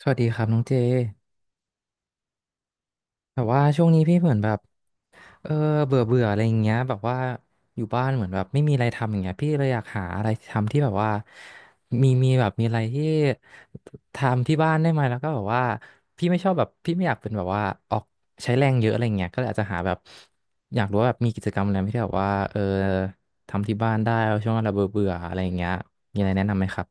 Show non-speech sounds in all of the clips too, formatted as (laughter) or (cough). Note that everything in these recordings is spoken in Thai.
สวัสดีครับน้องเจแบบว่าช่วงนี้พี่เหมือนแบบเออเบื่อเบื่ออะไรอย่างเงี้ยแบบว่าอยู่บ้านเหมือนแบบไม่มีอะไรทำอย่างเงี้ยพี่เลยอยากหาอะไรทำที่แบบว่ามีแบบมีอะไรที่ทำที่บ้านได้ไหมแล้วก็แบบว่าพี่ไม่ชอบแบบพี่ไม่อยากเป็นแบบว่าออกใช้แรงเยอะอะไรเงี้ยก็เลยอาจจะหาแบบอยากรู้ว่าแบบมีกิจกรรมอะไรไหมที่แบบว่าทำที่บ้านได้ช่วงเราเบื่อเบื่ออะไรอย่างเงี้ยมีอะไรแนะนำไหมครับ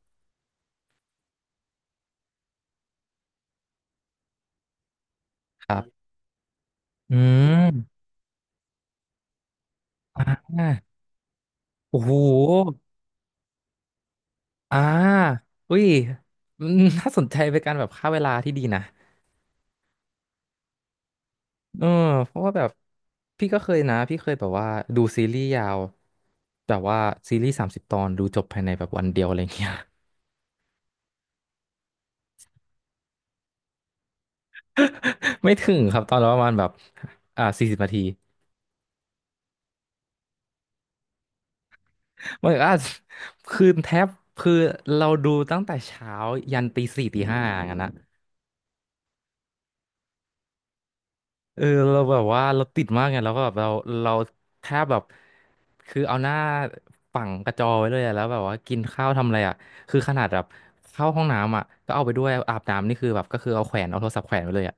ครับอืมอ่าโอ้โห อ่าอุ้ยอืมน่าสนใจเป็นการแบบฆ่าเวลาที่ดีนะเออเพราะว่าแบบพี่ก็เคยนะพี่เคยแบบว่าดูซีรีส์ยาวแบบว่าซีรีส์30 ตอนดูจบภายในแบบวันเดียวอะไรเงี้ย (laughs) ไม่ถึงครับตอนละประมาณแบบ40 นาทีมันคือแทบคือเราดูตั้งแต่เช้ายันตีสี่ตีห้าอย่างนั้นนะ เออเราแบบว่าเราติดมากไงแล้วก็แบบเราแทบแบบคือเอาหน้าฝังกระจอไว้เลยอะแล้วแบบว่ากินข้าวทำอะไรอ่ะคือขนาดแบบเข้าห้องน้ำอ่ะก็เอาไปด้วยอาบน้ำนี่คือแบบก็คือเอาแขวนเอาโทรศัพท์แขวนไว้เลยอ่ะ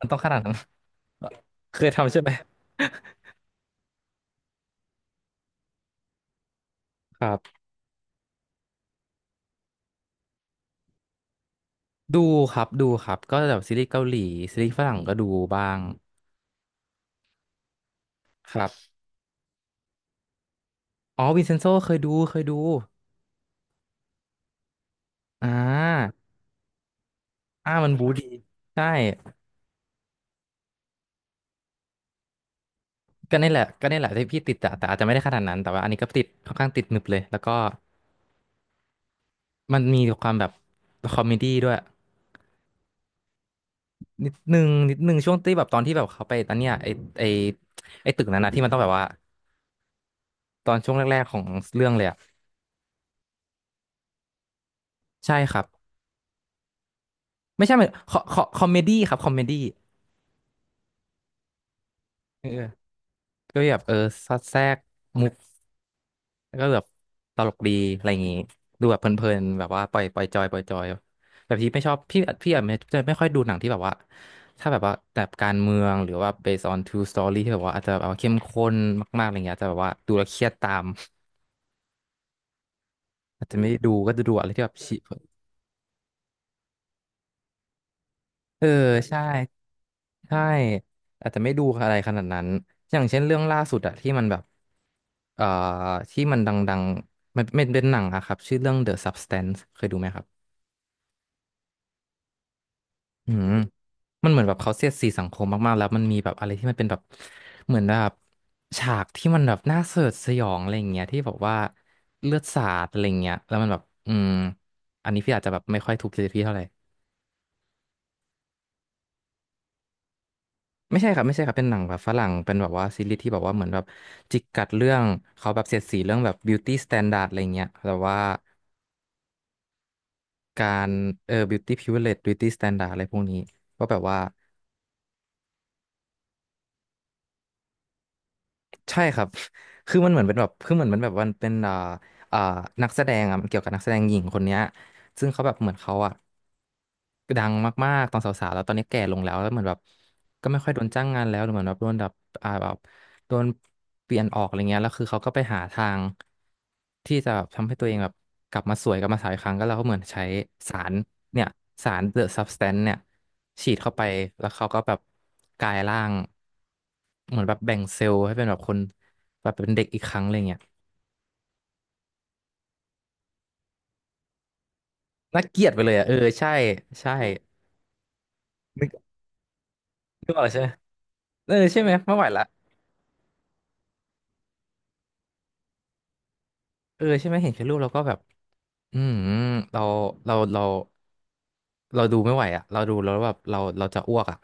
มันต้องขนาดนั้น (laughs) เคยทำใช่ไหมครับดูครับดูครับก็แบบซีรีส์เกาหลีซีรีส์ฝรั่งก็ดูบ้างครับอ๋อวินเซนโซเคยดูเคยดูอ่าอ่ามันบูดีใช่ ก็นี่แหละก็นี่แหละที่พี่ติดอะแต่อาจจะไม่ได้ขนาดนั้นแต่ว่าอันนี้ก็ติดค่อนข้างติดหนึบเลยแล้วก็มันมีความแบบคอมเมดี้ด้วยนิดนึงนิดนึงช่วงที่แบบตอนที่แบบเขาไปตอนเนี้ยไอไอตึกนั้นนะที่มันต้องแบบว่าตอนช่วงแรกๆของเรื่องเลยอะใช่ครับไม่ใช่มันคอมเมดี้ครับคอมเมดี้เออก็แบบเออสอดแทรกมุก แล้วก็แบบตลกดีอะไรอย่างงี้ดูแบบเพลินๆแบบว่าปล่อยปล่อยจอยปล่อยจอยแบบพี่ไม่ชอบพี่อาจจะไม่ค่อยดูหนังที่แบบว่าถ้าแบบว่าแบบการเมืองหรือว่า based on true story ที่แบบว่าอาจจะแบบว่าเข้มข้นมากๆอะไรเงี้ยอาจจะแบบว่าดูแล้วเครียดตามอาจจะไม่ได้ดูก็จะดูอะไรที่แบบชิเออใช่ใช่อาจจะไม่ดูอะไรขนาดนั้นอย่างเช่นเรื่องล่าสุดอะที่มันแบบเอ่อที่มันดังๆมันเป็นเป็นหนังอะครับชื่อเรื่อง The Substance เคยดูไหมครับ อืมมันเหมือนแบบเขาเสียดสีสังคมมากๆแล้วมันมีแบบอะไรที่มันเป็นแบบเหมือนแบบฉากที่มันแบบน่าสยดสยองอะไรอย่างเงี้ยที่บอกว่าเลือดสาดอะไรอย่างเงี้ยแล้วมันแบบอืมอันนี้พี่อาจจะแบบไม่ค่อยถูกจริตพี่เท่าไหร่ไม่ใช่ครับไม่ใช่ครับเป็นหนังแบบฝรั่งเป็นแบบว่าซีรีส์ที่แบบว่าเหมือนแบบจิกกัดเรื่องเขาแบบเสียดสีเรื่องแบบ beauty standard อะไรเงี้ยแต่ว่าการเออ beauty privilege beauty standard อะไรพวกนี้ก็แบบว่า ใช่ครับ (laughs) คือมันเหมือนเป็นแบบคือเหมือนมันแบบมันเป็นอ่านักแสดงอ่ะมันเกี่ยวกับนักแสดงหญิงคนเนี้ยซึ่งเขาแบบเหมือนเขาอ่ะดังมากๆตอนสาวๆแล้วตอนนี้แก่ลงแล้วแล้วเหมือนแบบก็ไม่ค่อยโดนจ้างงานแล้วหรือเหมือนแบบโดนแบบอ่าแบบโดนเปลี่ยนออกอะไรเงี้ยแล้วคือเขาก็ไปหาทางที่จะแบบทำให้ตัวเองแบบกลับมาสวยกลับมาสาวอีกครั้งก็แล้วก็เหมือนใช้สารเนี่ยสาร The Substance เนี่ยฉีดเข้าไปแล้วเขาก็แบบกลายร่าง เหมือนแบบแบ่งเซลล์ให้เป็นแบบคนแบบเป็นเด็กอีกครั้งอะไรเงี้ยน่าเกลียดไปเลยอ่ะเออใช่ใช่นึกนึกออกแล้วใช่ไหมเออใช่ไหมไม่ไหวละเออใช่ไหมเห็นแค่รูปเราก็แบบอืมเราเราเราเราดูไม่ไหวอ่ะเราดูแล้วแบบเราเราจะอ้วกอ่ะ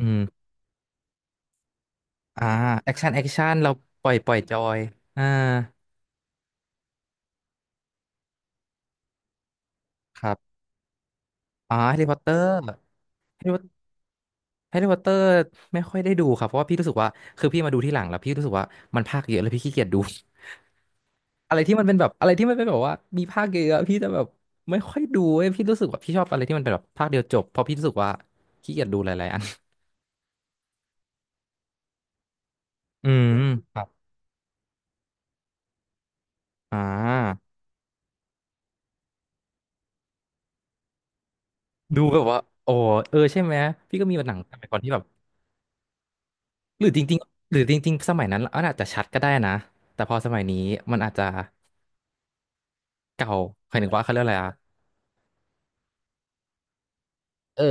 อืมอ่าแอคชั่นแอคชั่นเราปล่อยปล่อยจอยอ่าครับอ๋อแฮร์รี่พอตเตอร์แฮร์รี่แฮร์รี่พอตเตอร์ไม่ค่อยได้ดูครับเพราะว่าพี่รู้สึกว่าคือพี่มาดูที่หลังแล้วพี่รู้สึกว่ามันภาคเยอะแล้วพี่ขี้เกียจดู อะไรที่มันเป็นแบบอะไรที่มันเป็นแบบว่ามีภาคเยอะๆพี่จะแบบไม่ค่อยดูเว้ยพี่รู้สึกว่าพี่ชอบอะไรที่มันเป็นแบบภาคเดียวจบเพราะพี่รู้สึกว่าขี้เกียจดูหลายๆอันอืมครับอ่าดูแบบว่าโอ้เออใช่ไหมพี่ก็มีหนังสมัยก่อนที่แบบหรือจริงๆหรือจริงๆสมัยนั้นอันอาจจะชัดก็ได้นะแต่พอสมัยนี้มันอาจจะเก่าหมายถึงว่าเขาเรียกอะไรอะเออ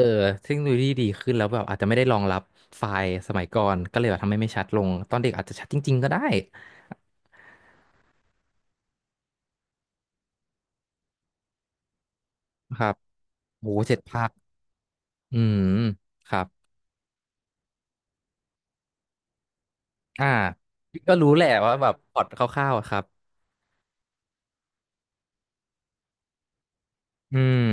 เทคโนโลยีดีขึ้นแล้วแบบอาจจะไม่ได้รองรับไฟล์สมัยก่อนก็เลยแบบทำให้ไม่ชัดลงตอนเด็กอาจจะชัดจริงๆก็ได้นะครับโอ้โหเจ็ดภาค อืมครับอ่าพี่ก็รู้แหละว่าแบบพล็อตคร่าวๆอะครับอืม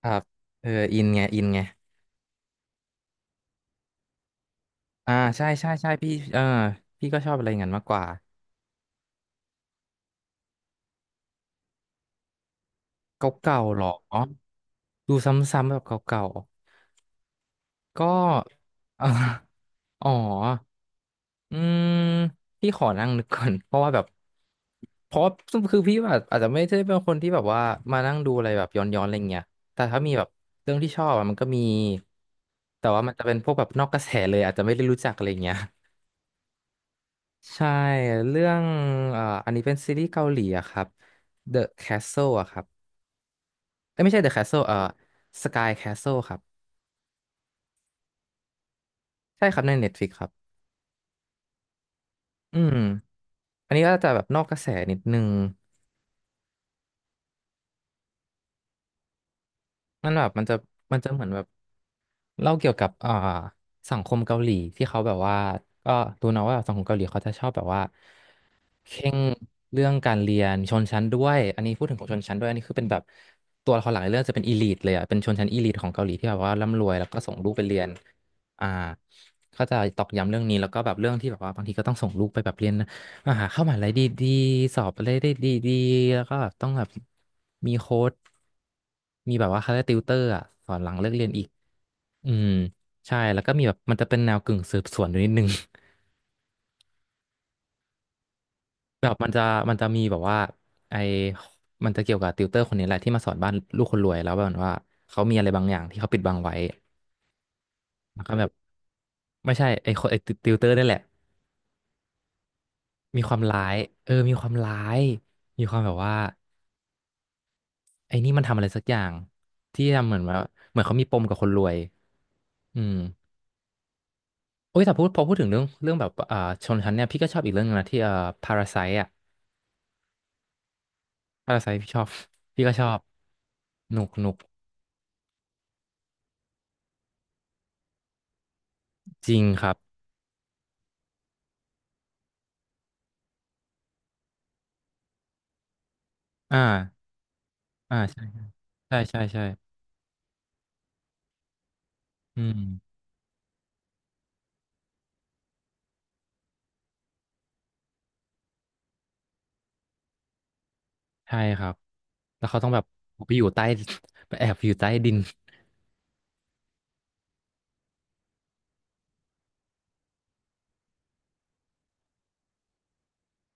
ครับเอออินไงอินไงอ่าใช่ใช่ใช่พี่เออพี่ก็ชอบอะไรอย่างนั้นมากกว่าเก่าๆหรอดูซ้ำๆแบบเก่าๆก็ (laughs) เอออ๋อ อืมพี่ขอนั่งนึกก่อน (laughs) เพราะว่าแบบเพราะว่าคือพี่แบบอาจจะไม่ได้เป็นคนที่แบบว่ามานั่งดูอะไรแบบย้อนๆอะไรเงี้ยแต่ถ้ามีแบบเรื่องที่ชอบอะมันก็มีแต่ว่ามันจะเป็นพวกแบบนอกกระแสเลยอาจจะไม่ได้รู้จักอะไรเงี้ย (laughs) ใช่เรื่องอันนี้เป็นซีรีส์เกาหลีอะครับ The Castle อะครับเอ้ยไม่ใช่ The Castle Sky Castle ครับใช่ครับใน Netflix ครับอืมอันนี้ก็จะแบบนอกกระแสนิดนึง มันแบบมันจะมันจะเหมือนแบบเล่าเกี่ยวกับสังคมเกาหลีที่เขาแบบว่าก็รู้เนอะว่าสังคมเกาหลีเขาจะชอบแบบว่า เคร่งเรื่องการเรียนชนชั้นด้วยอันนี้พูดถึงของชนชั้นด้วยอันนี้คือเป็นแบบตัวละครหลักในเรื่องจะเป็นอีลิทเลยอ่ะเป็นชนชั้นอีลิทของเกาหลีที่แบบว่าร่ำรวยแล้วก็ส่งลูกไปเรียนอ่าก็จะตอกย้ำเรื่องนี้แล้วก็แบบเรื่องที่แบบว่าบางทีก็ต้องส่งลูกไปแบบเรียนมหาเข้ามหาลัยดีๆสอบอะไรได้ดีๆแล้วก็แบบต้องแบบมีโค้ชมีแบบว่าคาติวเตอร์อ่ะสอนหลังเลิกเรียนอีกอืมใช่แล้วก็มีแบบมันจะเป็นแนวกึ่งสืบสวนอยู่นิดนึง แบบมันจะมันจะมีแบบว่าไอมันจะเกี่ยวกับติวเตอร์คนนี้แหละที่มาสอนบ้านลูกคนรวยแล้วแบบว่าเขามีอะไรบางอย่างที่เขาปิดบังไว้แล้วก็แบบไม่ใช่ไอคนไอติวเตอร์นี่แหละมีความร้ายเออมีความร้ายมีความแบบว่าไอนี่มันทำอะไรสักอย่างที่ทำเหมือนว่าเหมือนเขามีปมกับคนรวยอืมโอ้ยแต่พูดพอพูดถึงเรื่องเรื่องแบบชนชั้นเนี่ยพี่ก็ชอบอีกเรื่องหนึงนะที่พาราไซอ่ะพาราไซพี่ชอบพี่ก็ชอบหนุกหนุกจริงครับอ่าอ่าใช่ ใช่ใช่ใช่อืมใช่ครับแล้วเขาต้องแบบไปอยู่ใต้ (laughs) ไปแอบอยู่ใต้ดิน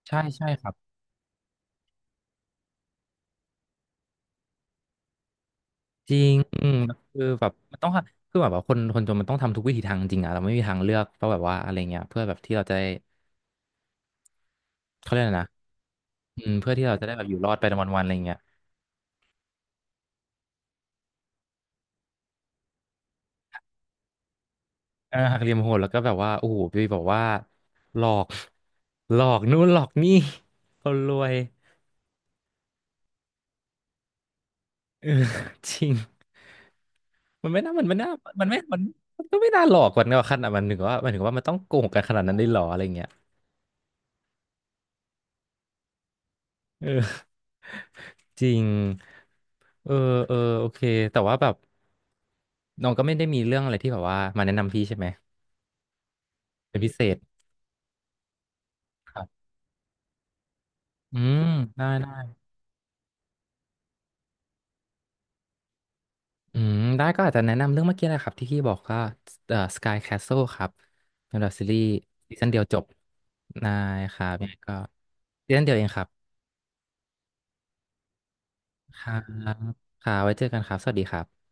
ใช่ใช่ครับจริงอืมคือแบบมันต้องคือแบบว่าคนคนจนมันต้องทำทุกวิถีทางจริงอะเราไม่มีทางเลือกเพราะแบบว่าอะไรเงี้ยเพื่อแบบที่เราจะได้เขาเรียกอะไรนะอืมเพื่อที่เราจะได้แบบอยู่รอดไปวันๆอะไรเงี้ยเออหักเหลี่ยมโหดแล้วก็แบบว่าโอ้โหไปบอกว่าหลอกหลอกนู่นหลอกนี่คนรวยเออ (laughs) จริง มันไม่น่ามันไม่น่ามันไม่มันมันก็ไม่น่าหลอกกันว่าขนาดมันถึงว่ามันถึงว่ามันต้องโกงกันขนาดนั้นได้หรออะไรเงี้ยเออจริงเออเออโอเคแต่ว่าแบบน้องก็ไม่ได้มีเรื่องอะไรที่แบบว่ามาแนะนำพี่ใช่ไหมเป็นพิเศษครับอืมได้ได้อืมได้ก็อาจจะแนะนำเรื่องเมื่อกี้นะครับที่พี่บอกก็Sky Castle ครับเป็นแบบซีรีส์ซีซั่นเดียวจบได้ครับยังไงก็ซีซั่นเดียวเองครับครับค่ะไว้เจอกันครับสวัสดีครับ